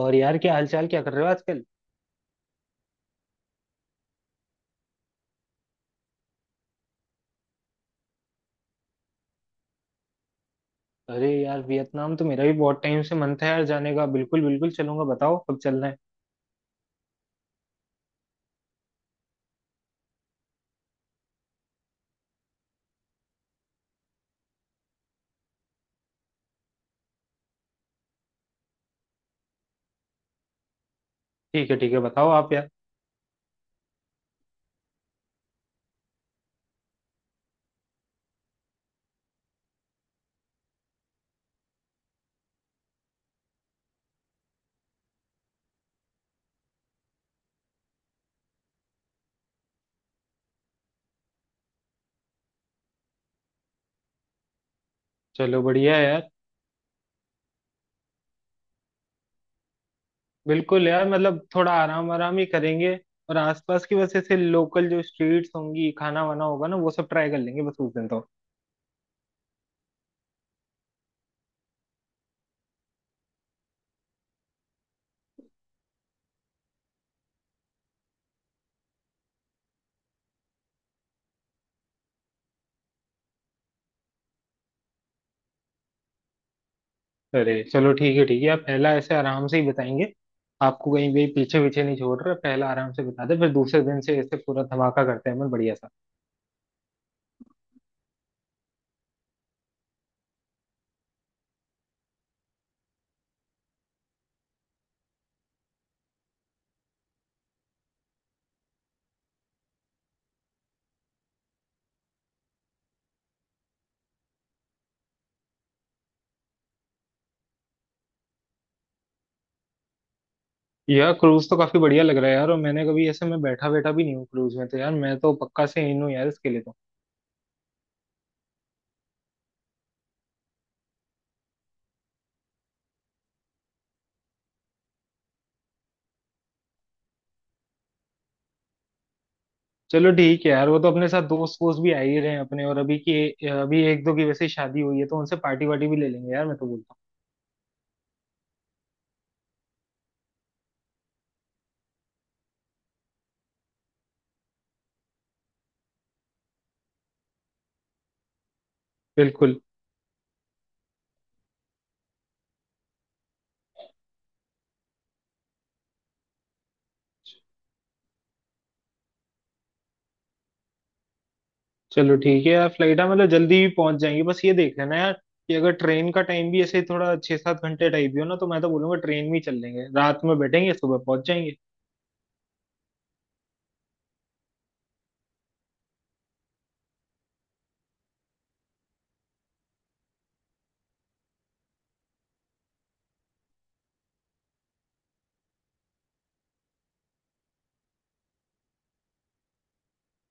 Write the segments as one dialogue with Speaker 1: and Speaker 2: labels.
Speaker 1: और यार क्या हालचाल, क्या कर रहे हो आजकल। अरे यार वियतनाम तो मेरा भी बहुत टाइम से मन था यार जाने का। बिल्कुल बिल्कुल चलूंगा, बताओ कब चलना है। ठीक है ठीक है, बताओ आप यार। चलो बढ़िया है यार। बिल्कुल यार, मतलब थोड़ा आराम आराम ही करेंगे। और आसपास की वजह से लोकल जो स्ट्रीट्स होंगी, खाना वाना होगा ना, वो सब ट्राई कर लेंगे बस उस दिन तो। अरे चलो ठीक है ठीक है, आप पहला ऐसे आराम से ही बताएंगे। आपको कहीं भी पीछे पीछे नहीं छोड़ रहे, पहला आराम से बता दे, फिर दूसरे दिन से ऐसे पूरा धमाका करते हैं अपन बढ़िया सा। यार क्रूज तो काफी बढ़िया लग रहा है यार। और मैंने कभी ऐसे मैं बैठा बैठा भी नहीं हूँ क्रूज में, तो यार मैं तो पक्का से इन हूँ यार इसके लिए तो। चलो ठीक है यार, वो तो अपने साथ दोस्त वोस्त भी आ ही रहे हैं अपने। और अभी की अभी एक दो की वैसे ही शादी हुई है तो उनसे पार्टी वार्टी भी ले लेंगे यार, मैं तो बोलता हूँ। बिल्कुल। चलो ठीक है यार, फ्लाइट है मतलब जल्दी भी पहुंच जाएंगे। बस ये देख लेना यार कि अगर ट्रेन का टाइम भी ऐसे थोड़ा 6-7 घंटे टाइप भी हो ना, तो मैं तो बोलूंगा ट्रेन में ही चल लेंगे, रात में बैठेंगे सुबह पहुंच जाएंगे।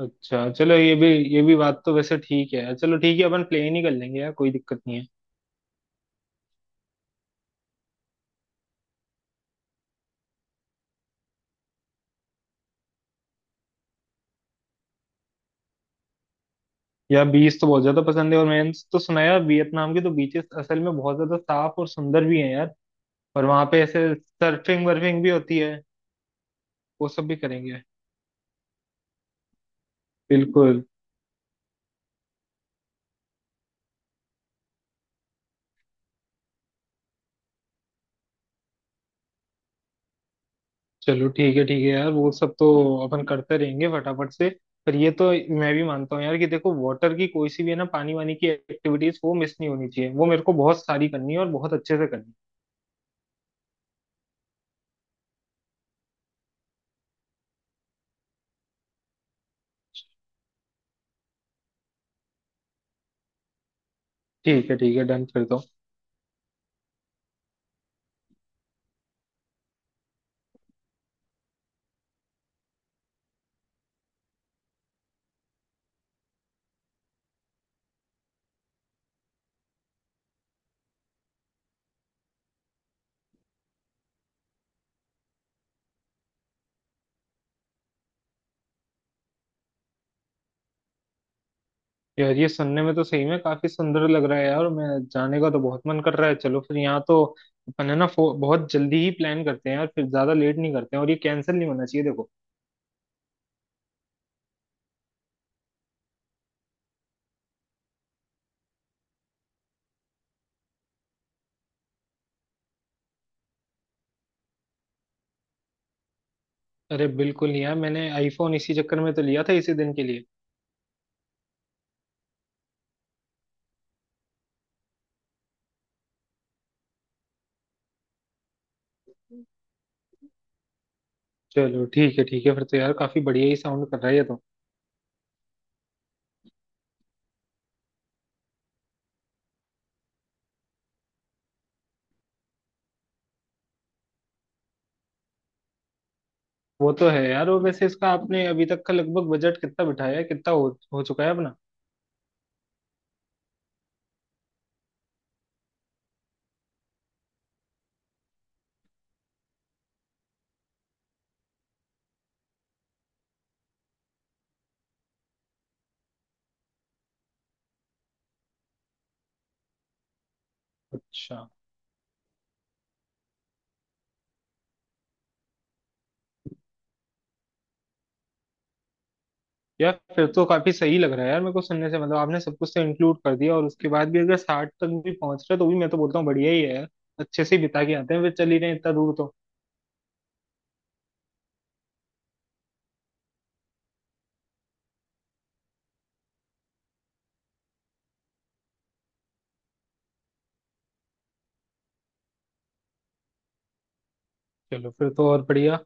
Speaker 1: अच्छा चलो, ये भी बात तो वैसे ठीक है। चलो ठीक है, अपन प्लेन ही कर लेंगे यार, कोई दिक्कत नहीं है। यार बीच तो बहुत ज्यादा पसंद है। और मैंने तो सुना है यार वियतनाम के तो बीचेस असल में बहुत ज्यादा साफ और सुंदर भी हैं यार। और वहां पे ऐसे सर्फिंग वर्फिंग भी होती है, वो सब भी करेंगे। बिल्कुल। चलो ठीक है यार, वो सब तो अपन करते रहेंगे फटाफट से। पर ये तो मैं भी मानता हूँ यार कि देखो वाटर की कोई सी भी है ना, पानी वानी की एक्टिविटीज, वो मिस नहीं होनी चाहिए। वो मेरे को बहुत सारी करनी है और बहुत अच्छे से करनी है। ठीक है ठीक है, डन फिर तो। यार ये सुनने में तो सही में काफी सुंदर लग रहा है यार। मैं जाने का तो बहुत मन कर रहा है, चलो फिर यहाँ तो अपन है ना बहुत जल्दी ही प्लान करते हैं यार, फिर ज्यादा लेट नहीं करते हैं। और ये कैंसिल नहीं होना चाहिए देखो। अरे बिल्कुल यार, मैंने आईफोन इसी चक्कर में तो लिया था इसी दिन के लिए। चलो ठीक है ठीक है, फिर तो यार काफी बढ़िया ही साउंड कर रहा है ये तो। वो तो है यार। और वैसे इसका आपने अभी तक का लगभग बजट कितना बिठाया है, कितना हो चुका है अपना। अच्छा यार, फिर तो काफी सही लग रहा है यार मेरे को सुनने से। मतलब आपने सब कुछ तो इंक्लूड कर दिया, और उसके बाद भी अगर साठ तक भी पहुंच रहे तो भी मैं तो बोलता हूँ बढ़िया ही है यार। अच्छे से ही बिता के आते हैं, फिर चल ही रहे हैं इतना दूर तो। चलो फिर तो और बढ़िया।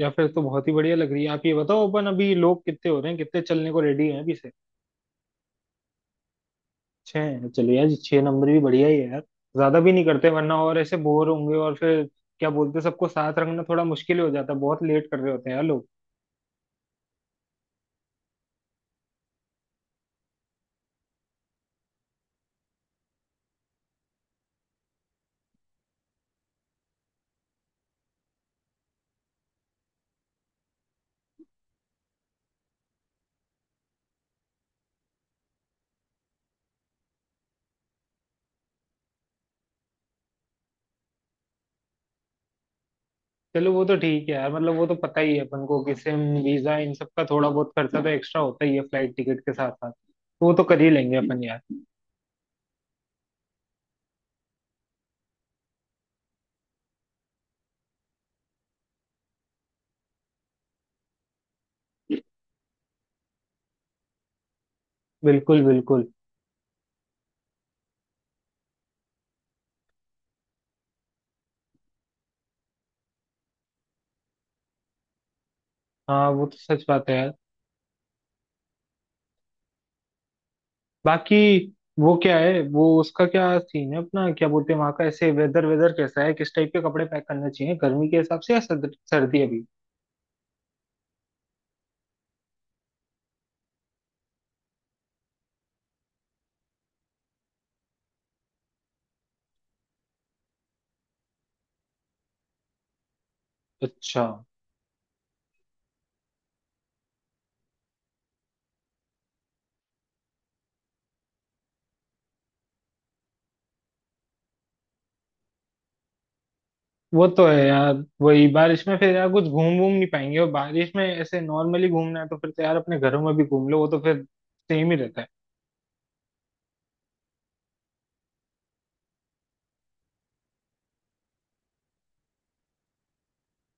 Speaker 1: या फिर तो बहुत ही बढ़िया लग रही है। आप ये बताओ, अपन अभी लोग कितने हो रहे हैं, कितने चलने को रेडी हैं अभी से। छह हैं, चलो यार, छह नंबर भी बढ़िया ही है यार। ज्यादा भी नहीं करते वरना, और ऐसे बोर होंगे। और फिर क्या बोलते हैं, सबको साथ रखना थोड़ा मुश्किल हो जाता है, बहुत लेट कर रहे होते हैं यार लोग। चलो वो तो ठीक है यार, मतलब वो तो पता ही है अपन को कि सिम वीजा इन सब का थोड़ा बहुत खर्चा तो एक्स्ट्रा होता ही है फ्लाइट टिकट के साथ साथ, तो वो तो कर ही लेंगे अपन यार। बिल्कुल बिल्कुल। हाँ वो तो सच बात है यार। बाकी वो क्या है, वो उसका क्या सीन है अपना, क्या बोलते हैं, वहाँ का ऐसे वेदर वेदर कैसा है, किस टाइप के कपड़े पैक करने चाहिए, गर्मी के हिसाब से या सर्दी अभी। अच्छा। वो तो है यार, वही बारिश में फिर यार कुछ घूम घूम नहीं पाएंगे। और बारिश में ऐसे नॉर्मली घूमना है तो फिर तो यार अपने घरों में भी घूम लो, वो तो फिर सेम ही रहता है।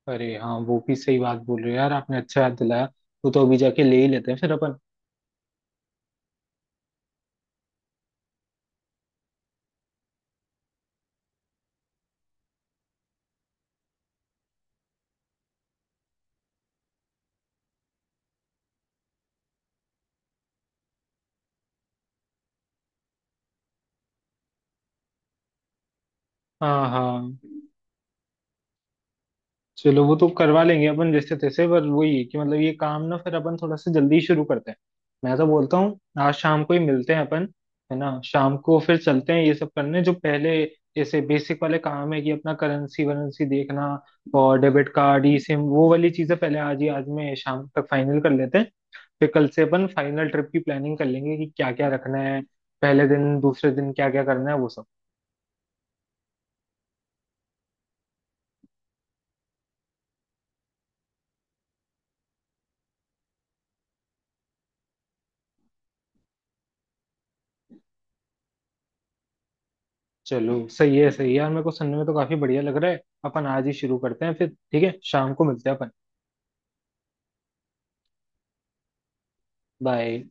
Speaker 1: अरे हाँ, वो भी सही बात बोल रहे हो यार, आपने अच्छा याद दिलाया। वो तो अभी जाके ले ही लेते हैं फिर अपन। हाँ हाँ। चलो वो तो करवा लेंगे अपन जैसे तैसे। पर वही है कि मतलब ये काम ना फिर अपन थोड़ा सा जल्दी शुरू करते हैं, मैं तो बोलता हूँ आज शाम को ही मिलते हैं अपन। है ना, शाम को फिर चलते हैं ये सब करने, जो पहले जैसे बेसिक वाले काम है, कि अपना करेंसी वरेंसी देखना और डेबिट कार्ड, ई सिम, वो वाली चीजें पहले आज ही, आज में शाम तक फाइनल कर लेते हैं। फिर कल से अपन फाइनल ट्रिप की प्लानिंग कर लेंगे कि क्या क्या रखना है, पहले दिन दूसरे दिन क्या क्या करना है वो सब। चलो सही है यार, मेरे को सुनने में तो काफी बढ़िया लग रहा है। अपन आज ही शुरू करते हैं फिर, ठीक है, शाम को मिलते हैं अपन। बाय।